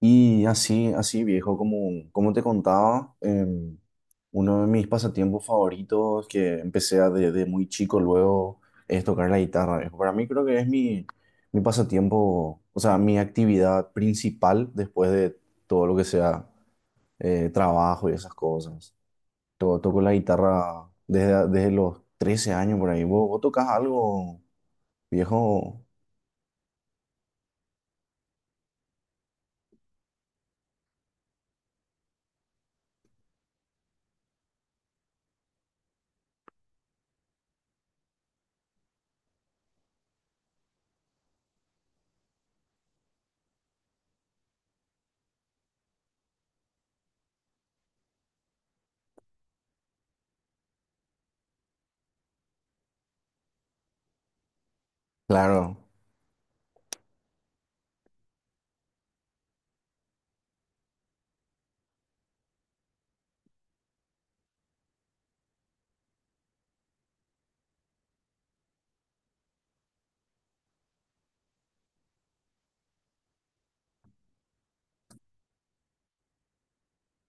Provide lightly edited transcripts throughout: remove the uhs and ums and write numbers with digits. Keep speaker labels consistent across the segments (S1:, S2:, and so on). S1: Y así, así viejo, como, como te contaba, uno de mis pasatiempos favoritos que empecé a desde muy chico luego es tocar la guitarra, viejo. Para mí creo que es mi pasatiempo, o sea, mi actividad principal después de todo lo que sea trabajo y esas cosas. Toco la guitarra desde los 13 años por ahí. Vos tocas algo, viejo? Claro.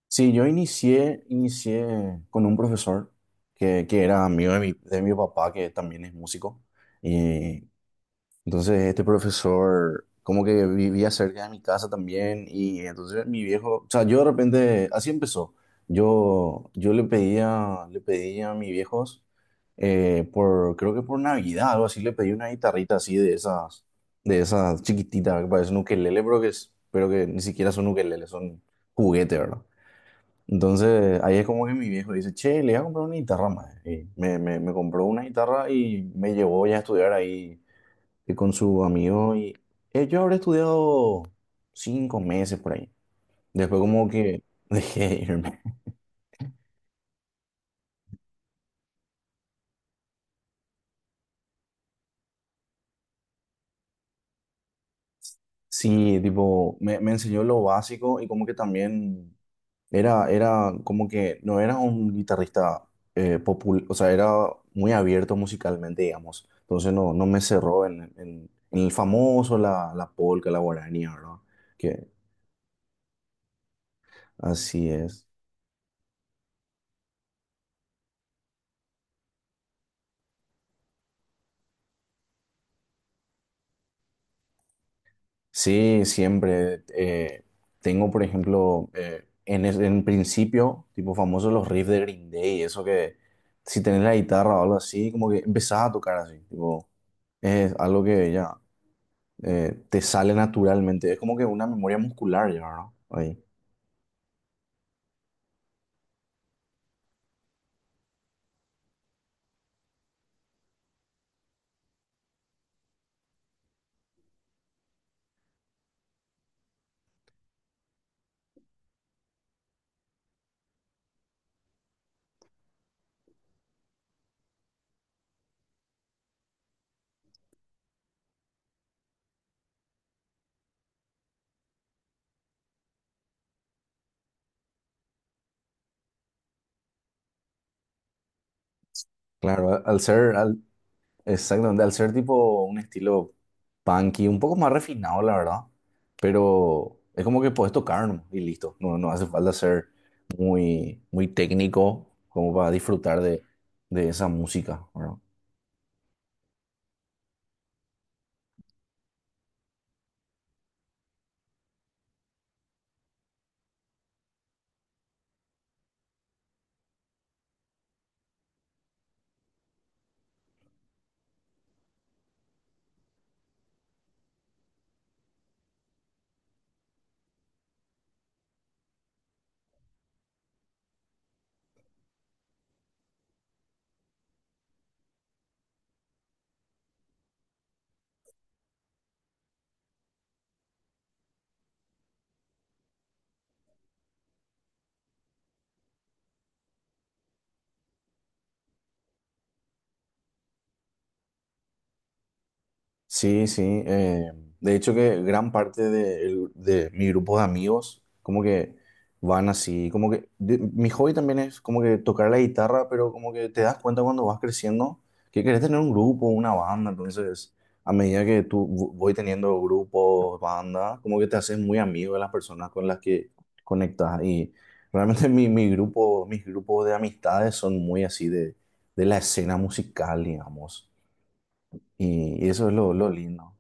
S1: Sí, yo inicié con un profesor que era amigo de de mi papá, que también es músico. Y entonces este profesor como que vivía cerca de mi casa también. Y entonces mi viejo, o sea, yo de repente, así empezó. Yo le le pedía a mis viejos, por, creo que por Navidad, algo así, le pedí una guitarrita así de esas chiquititas, que parecen ukelele, pero que, pero que ni siquiera son ukelele, son juguete, ¿verdad? Entonces, ahí es como que mi viejo dice, che, le voy a comprar una guitarra más. Y me compró una guitarra y me llevó ya a estudiar ahí con su amigo. Y yo habré estudiado 5 meses por ahí. Después como que dejé de irme. Sí, tipo, me enseñó lo básico y como que también era como que no era un guitarrista o sea, era muy abierto musicalmente, digamos. Entonces no, no me cerró en el famoso, la polca, la guaraní, ¿verdad? Que así es. Sí, siempre. Tengo, por ejemplo, en principio, tipo famoso, los riffs de Green Day, eso que si tenés la guitarra o algo así, como que empezás a tocar así, tipo, es algo que ya. Te sale naturalmente. Es como que una memoria muscular ya, ¿no? Ahí. Claro, exactamente, al ser tipo un estilo punky, un poco más refinado, la verdad. Pero es como que puedes tocar nomás y listo. No, no hace falta ser muy, muy técnico como para disfrutar de esa música, ¿verdad? Sí, sí. De hecho que gran parte de mi grupo de amigos como que van así, como que mi hobby también es como que tocar la guitarra, pero como que te das cuenta cuando vas creciendo que querés tener un grupo, una banda, entonces a medida que voy teniendo grupos, bandas, como que te haces muy amigo de las personas con las que conectas y realmente mi grupo, mis grupos de amistades son muy así de la escena musical, digamos, y eso es lo lindo.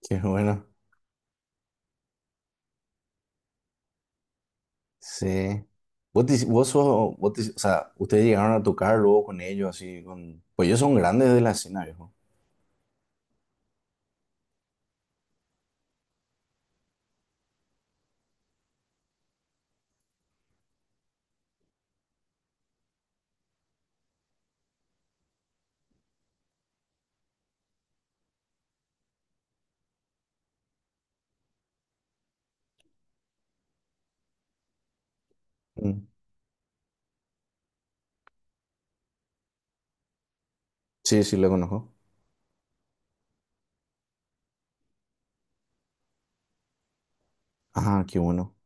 S1: Qué bueno. Sí. Vos, te- vos sos, vos te- o sea, ustedes llegaron a tocar luego con ellos, así, con... Pues ellos son grandes de la escena, viejo. Mm. Sí, sí, lo conozco. Ah, qué bueno.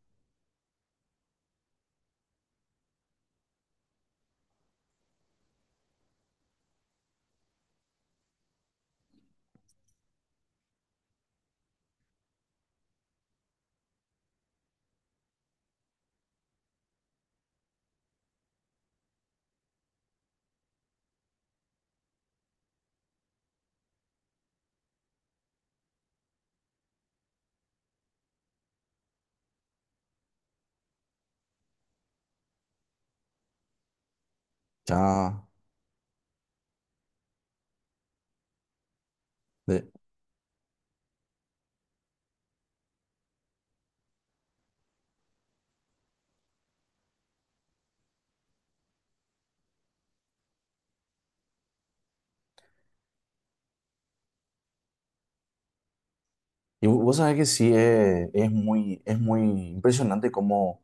S1: Ya. de- vos sabés que sí, es muy impresionante cómo...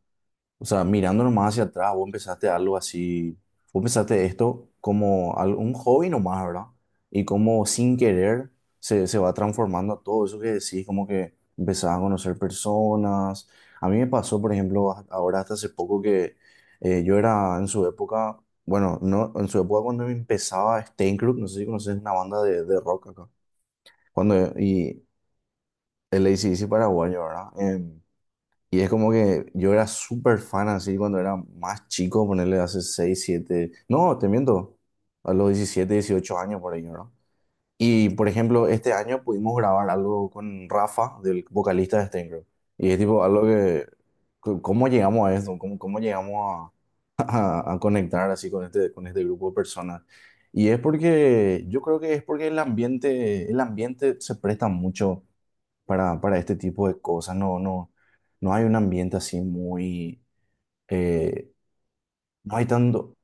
S1: O sea, mirando nomás hacia atrás, vos empezaste algo así, vos empezaste esto como un hobby nomás, ¿verdad? Y como sin querer se va transformando a todo eso que decís, como que empezás a conocer personas. A mí me pasó, por ejemplo, ahora hasta hace poco que yo era en su época, bueno, no, en su época cuando empezaba Stainkrupp, no sé si conoces una banda de rock acá, cuando, y el AC/DC paraguayo, ¿verdad? Y es como que yo era súper fan así cuando era más chico, ponerle hace 6 7 no, te miento, a los 17 18 años por ahí, ¿no? Y por ejemplo, este año pudimos grabar algo con Rafa, del vocalista de Stengro. Y es tipo algo que, ¿cómo llegamos a esto? ¿Cómo, cómo llegamos a, a conectar así con este grupo de personas? Y es porque, yo creo que es porque el ambiente se presta mucho para este tipo de cosas. No, no, no hay un ambiente así muy... eh, no hay tanto...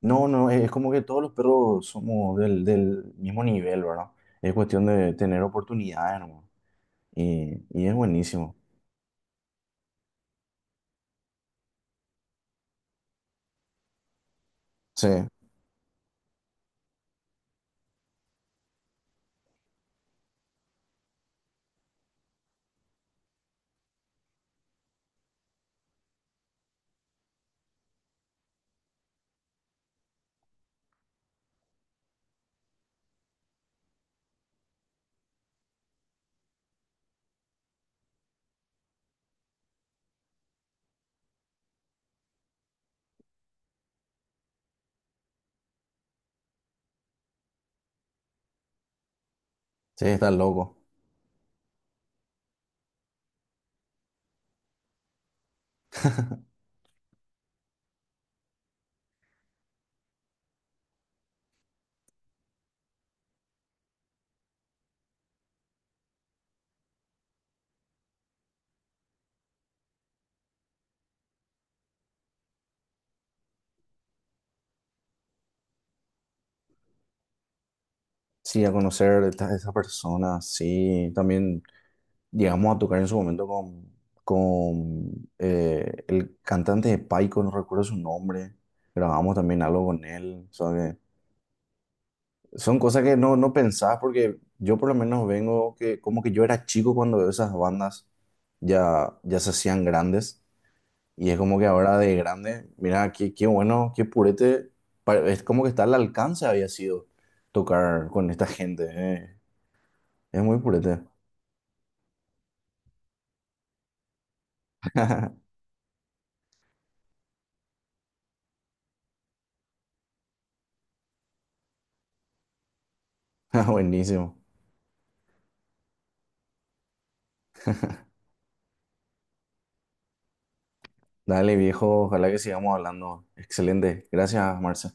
S1: No, no, es como que todos los perros somos del mismo nivel, ¿verdad? Es cuestión de tener oportunidades, ¿no? Y es buenísimo. Sí, sí, está loco. Sí, a conocer estas esas personas, sí, también llegamos a tocar en su momento con el cantante de Paico, no recuerdo su nombre, grabamos también algo con él, ¿sabes? Son cosas que no, no pensás porque yo por lo menos vengo que como que yo era chico cuando veo esas bandas ya, ya se hacían grandes y es como que ahora de grande, mira, qué, qué bueno, qué purete, es como que está al alcance había sido tocar con esta gente, eh. Es muy purete. Buenísimo. Dale viejo, ojalá que sigamos hablando. Excelente. Gracias, Marce.